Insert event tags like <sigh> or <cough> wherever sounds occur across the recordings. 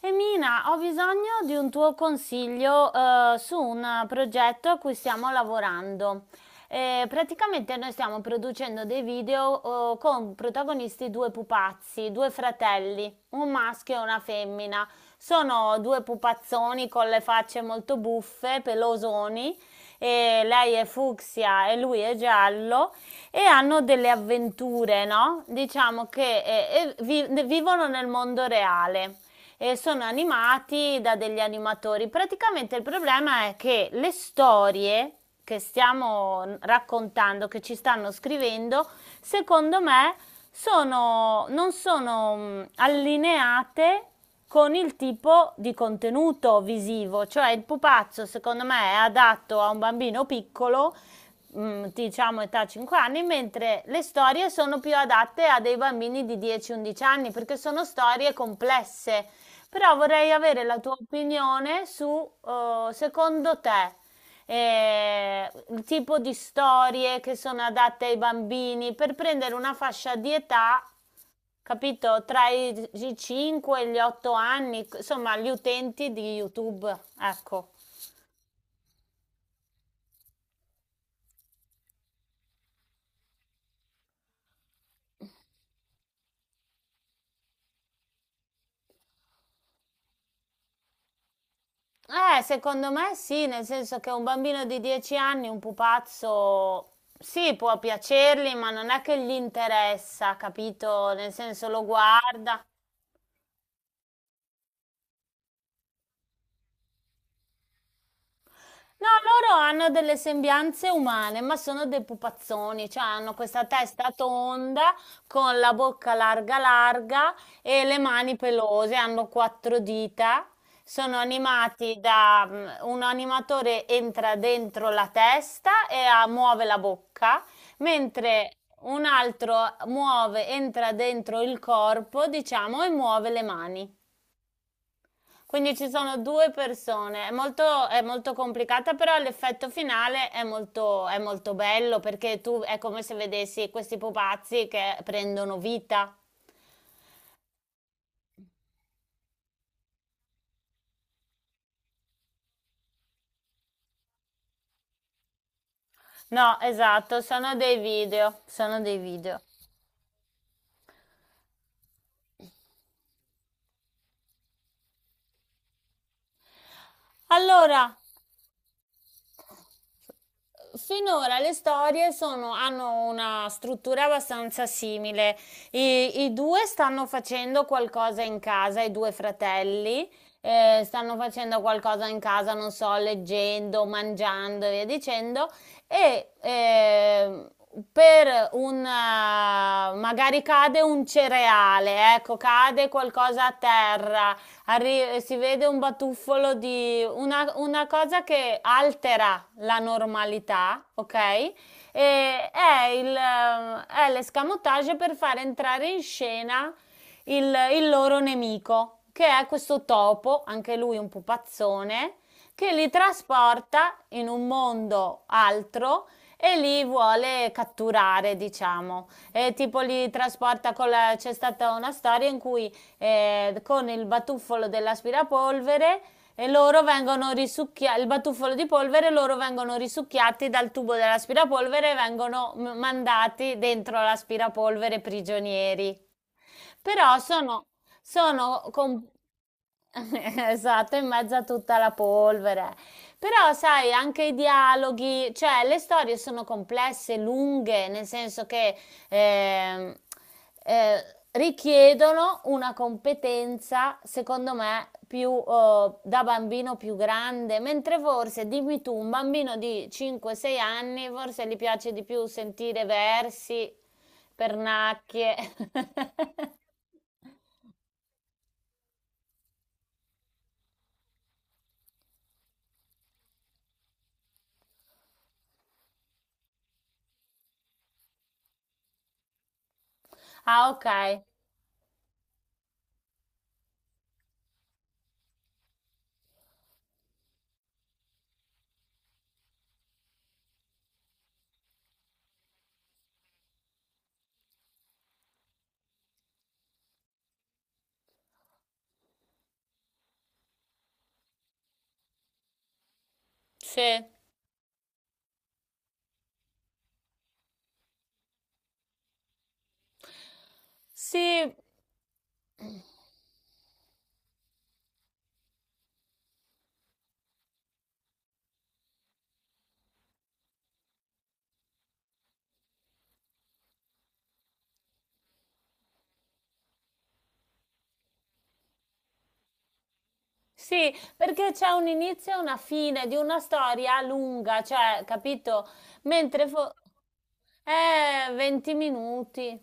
Emina, ho bisogno di un tuo consiglio, su un progetto a cui stiamo lavorando. Praticamente noi stiamo producendo dei video, con protagonisti due pupazzi, due fratelli, un maschio e una femmina. Sono due pupazzoni con le facce molto buffe, pelosoni, e lei è fucsia e lui è giallo e hanno delle avventure, no? Diciamo che vivono nel mondo reale e sono animati da degli animatori. Praticamente il problema è che le storie che stiamo raccontando, che ci stanno scrivendo, secondo me sono, non sono allineate con il tipo di contenuto visivo, cioè il pupazzo secondo me è adatto a un bambino piccolo, diciamo età 5 anni, mentre le storie sono più adatte a dei bambini di 10-11 anni perché sono storie complesse, però vorrei avere la tua opinione su, secondo te, il tipo di storie che sono adatte ai bambini per prendere una fascia di età, capito, tra i 5 e gli 8 anni, insomma, gli utenti di YouTube, ecco. Secondo me sì, nel senso che un bambino di 10 anni, un pupazzo, sì, può piacergli, ma non è che gli interessa, capito? Nel senso lo guarda. No, loro hanno delle sembianze umane, ma sono dei pupazzoni, cioè hanno questa testa tonda con la bocca larga larga e le mani pelose, hanno 4 dita, sono animati da un animatore entra dentro la testa e muove la bocca, mentre un altro muove, entra dentro il corpo, diciamo, e muove le mani. Quindi ci sono 2 persone, è molto complicata, però l'effetto finale è molto bello perché tu è come se vedessi questi pupazzi che prendono vita. No, esatto, sono dei video, sono dei video. Allora, finora le storie sono- hanno una struttura abbastanza simile. I, i due stanno facendo qualcosa in casa, i due fratelli, stanno facendo qualcosa in casa, non so, leggendo, mangiando e via dicendo. E per un, magari cade un cereale, ecco, cade qualcosa a terra arri- si vede un batuffolo di una cosa che altera la normalità, ok? E è, il, è l'escamotage per far entrare in scena il loro nemico, che è questo topo, anche lui un pupazzone, che li trasporta in un mondo altro e li vuole catturare, diciamo. E tipo li trasporta con la... C'è stata una storia in cui con il batuffolo dell'aspirapolvere e loro vengono risucchiati, il batuffolo di polvere, loro vengono risucchiati dal tubo dell'aspirapolvere e vengono m- mandati dentro l'aspirapolvere prigionieri. Però sono, sono com- <laughs> Esatto, in mezzo a tutta la polvere. Però, sai, anche i dialoghi, cioè le storie sono complesse, lunghe, nel senso che ehm, richiedono una competenza, secondo me, più da bambino più grande, mentre forse, dimmi tu, un bambino di 5-6 anni, forse gli piace di più sentire versi, pernacchie. <laughs> Ah, ok. Sì. Sì, sì, perché c'è un inizio e una fine di una storia lunga, cioè, capito? Mentre fo- 20 minuti.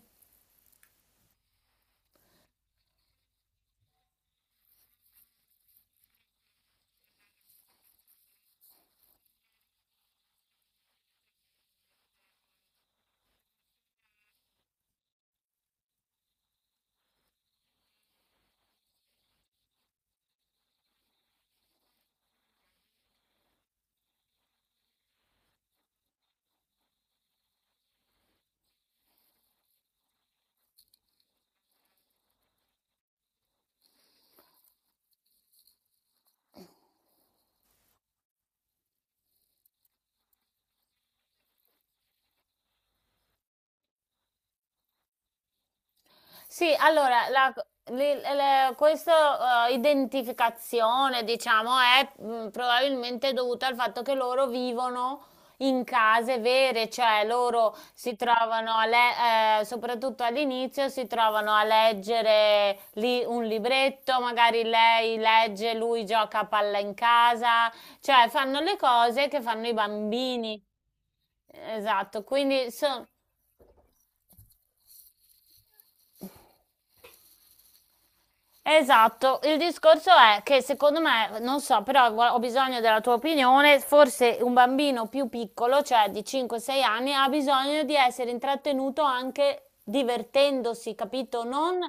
Sì, allora, questa identificazione, diciamo, è probabilmente dovuta al fatto che loro vivono in case vere, cioè loro si trovano, a soprattutto all'inizio, si trovano a leggere lì un libretto, magari lei legge, lui gioca a palla in casa, cioè fanno le cose che fanno i bambini. Esatto, quindi sono... Esatto, il discorso è che secondo me, non so, però gua- ho bisogno della tua opinione, forse un bambino più piccolo, cioè di 5-6 anni, ha bisogno di essere intrattenuto anche divertendosi, capito? Non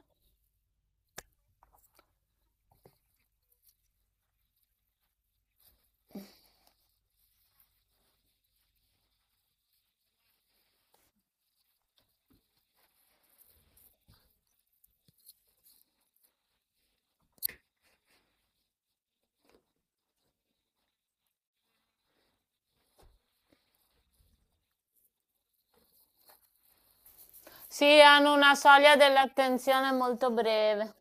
si hanno una soglia dell'attenzione molto breve.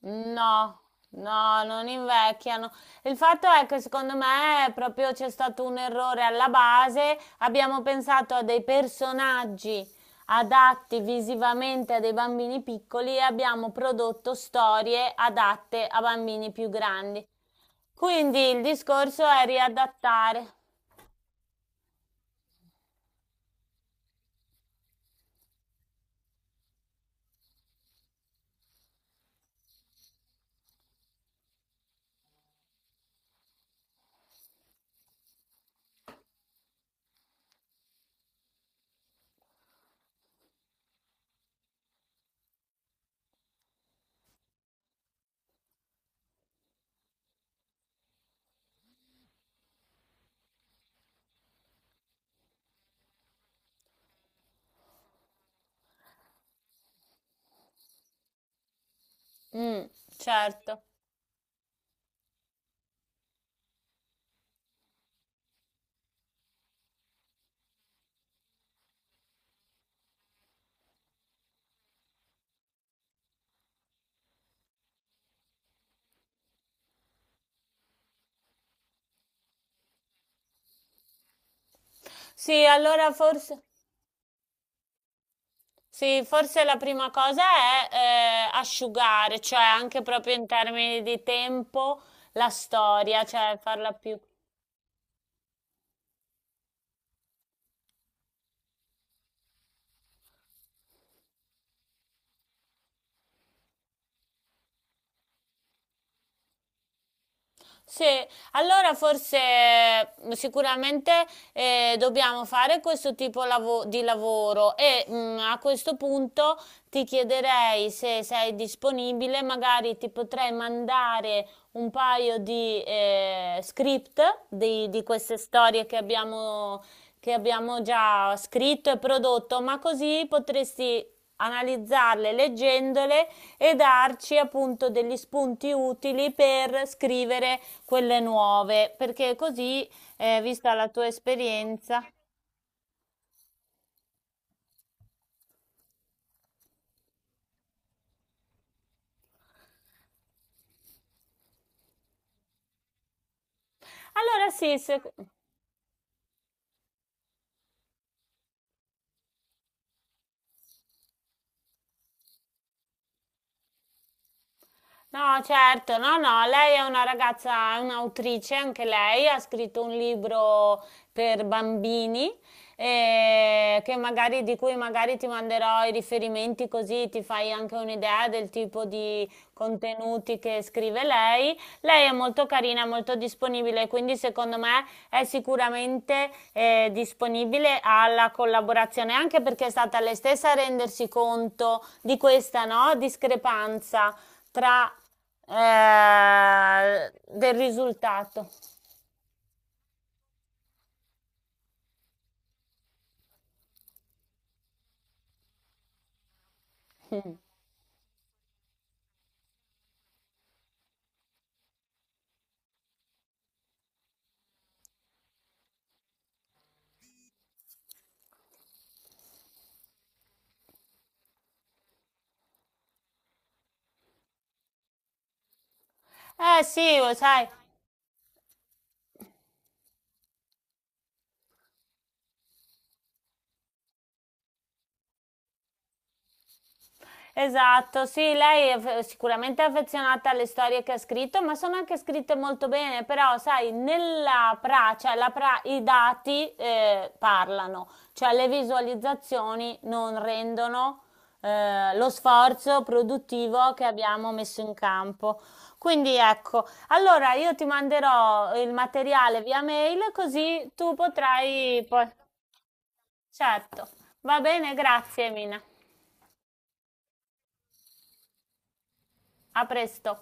No, no, non invecchiano. Il fatto è che secondo me proprio c'è stato un errore alla base. Abbiamo pensato a dei personaggi adatti visivamente a dei bambini piccoli e abbiamo prodotto storie adatte a bambini più grandi. Quindi il discorso è riadattare. Mm, certo. Sì, allora forse. Sì, forse la prima cosa è asciugare, cioè anche proprio in termini di tempo, la storia, cioè farla più sì, allora forse sicuramente dobbiamo fare questo tipo di lavoro e a questo punto ti chiederei se sei disponibile, magari ti potrei mandare un paio di script di queste storie che abbiamo già scritto e prodotto, ma così potresti analizzarle leggendole e darci appunto degli spunti utili per scrivere quelle nuove, perché così, vista la tua esperienza. Allora sì, se- no, certo, no, no, lei è una ragazza, è un'autrice, anche lei ha scritto un libro per bambini, che magari, di cui magari ti manderò i riferimenti così ti fai anche un'idea del tipo di contenuti che scrive lei. Lei è molto carina, molto disponibile, quindi secondo me è sicuramente disponibile alla collaborazione, anche perché è stata lei stessa a rendersi conto di questa, no, discrepanza tra del risultato. <laughs> Eh sì, lo sai, esatto, sì, lei è f- sicuramente affezionata alle storie che ha scritto, ma sono anche scritte molto bene, però sai, nella pra, cioè la pra- i dati parlano, cioè le visualizzazioni non rendono lo sforzo produttivo che abbiamo messo in campo. Quindi ecco, allora io ti manderò il materiale via mail così tu potrai poi... Certo, va bene, grazie Mina. A presto.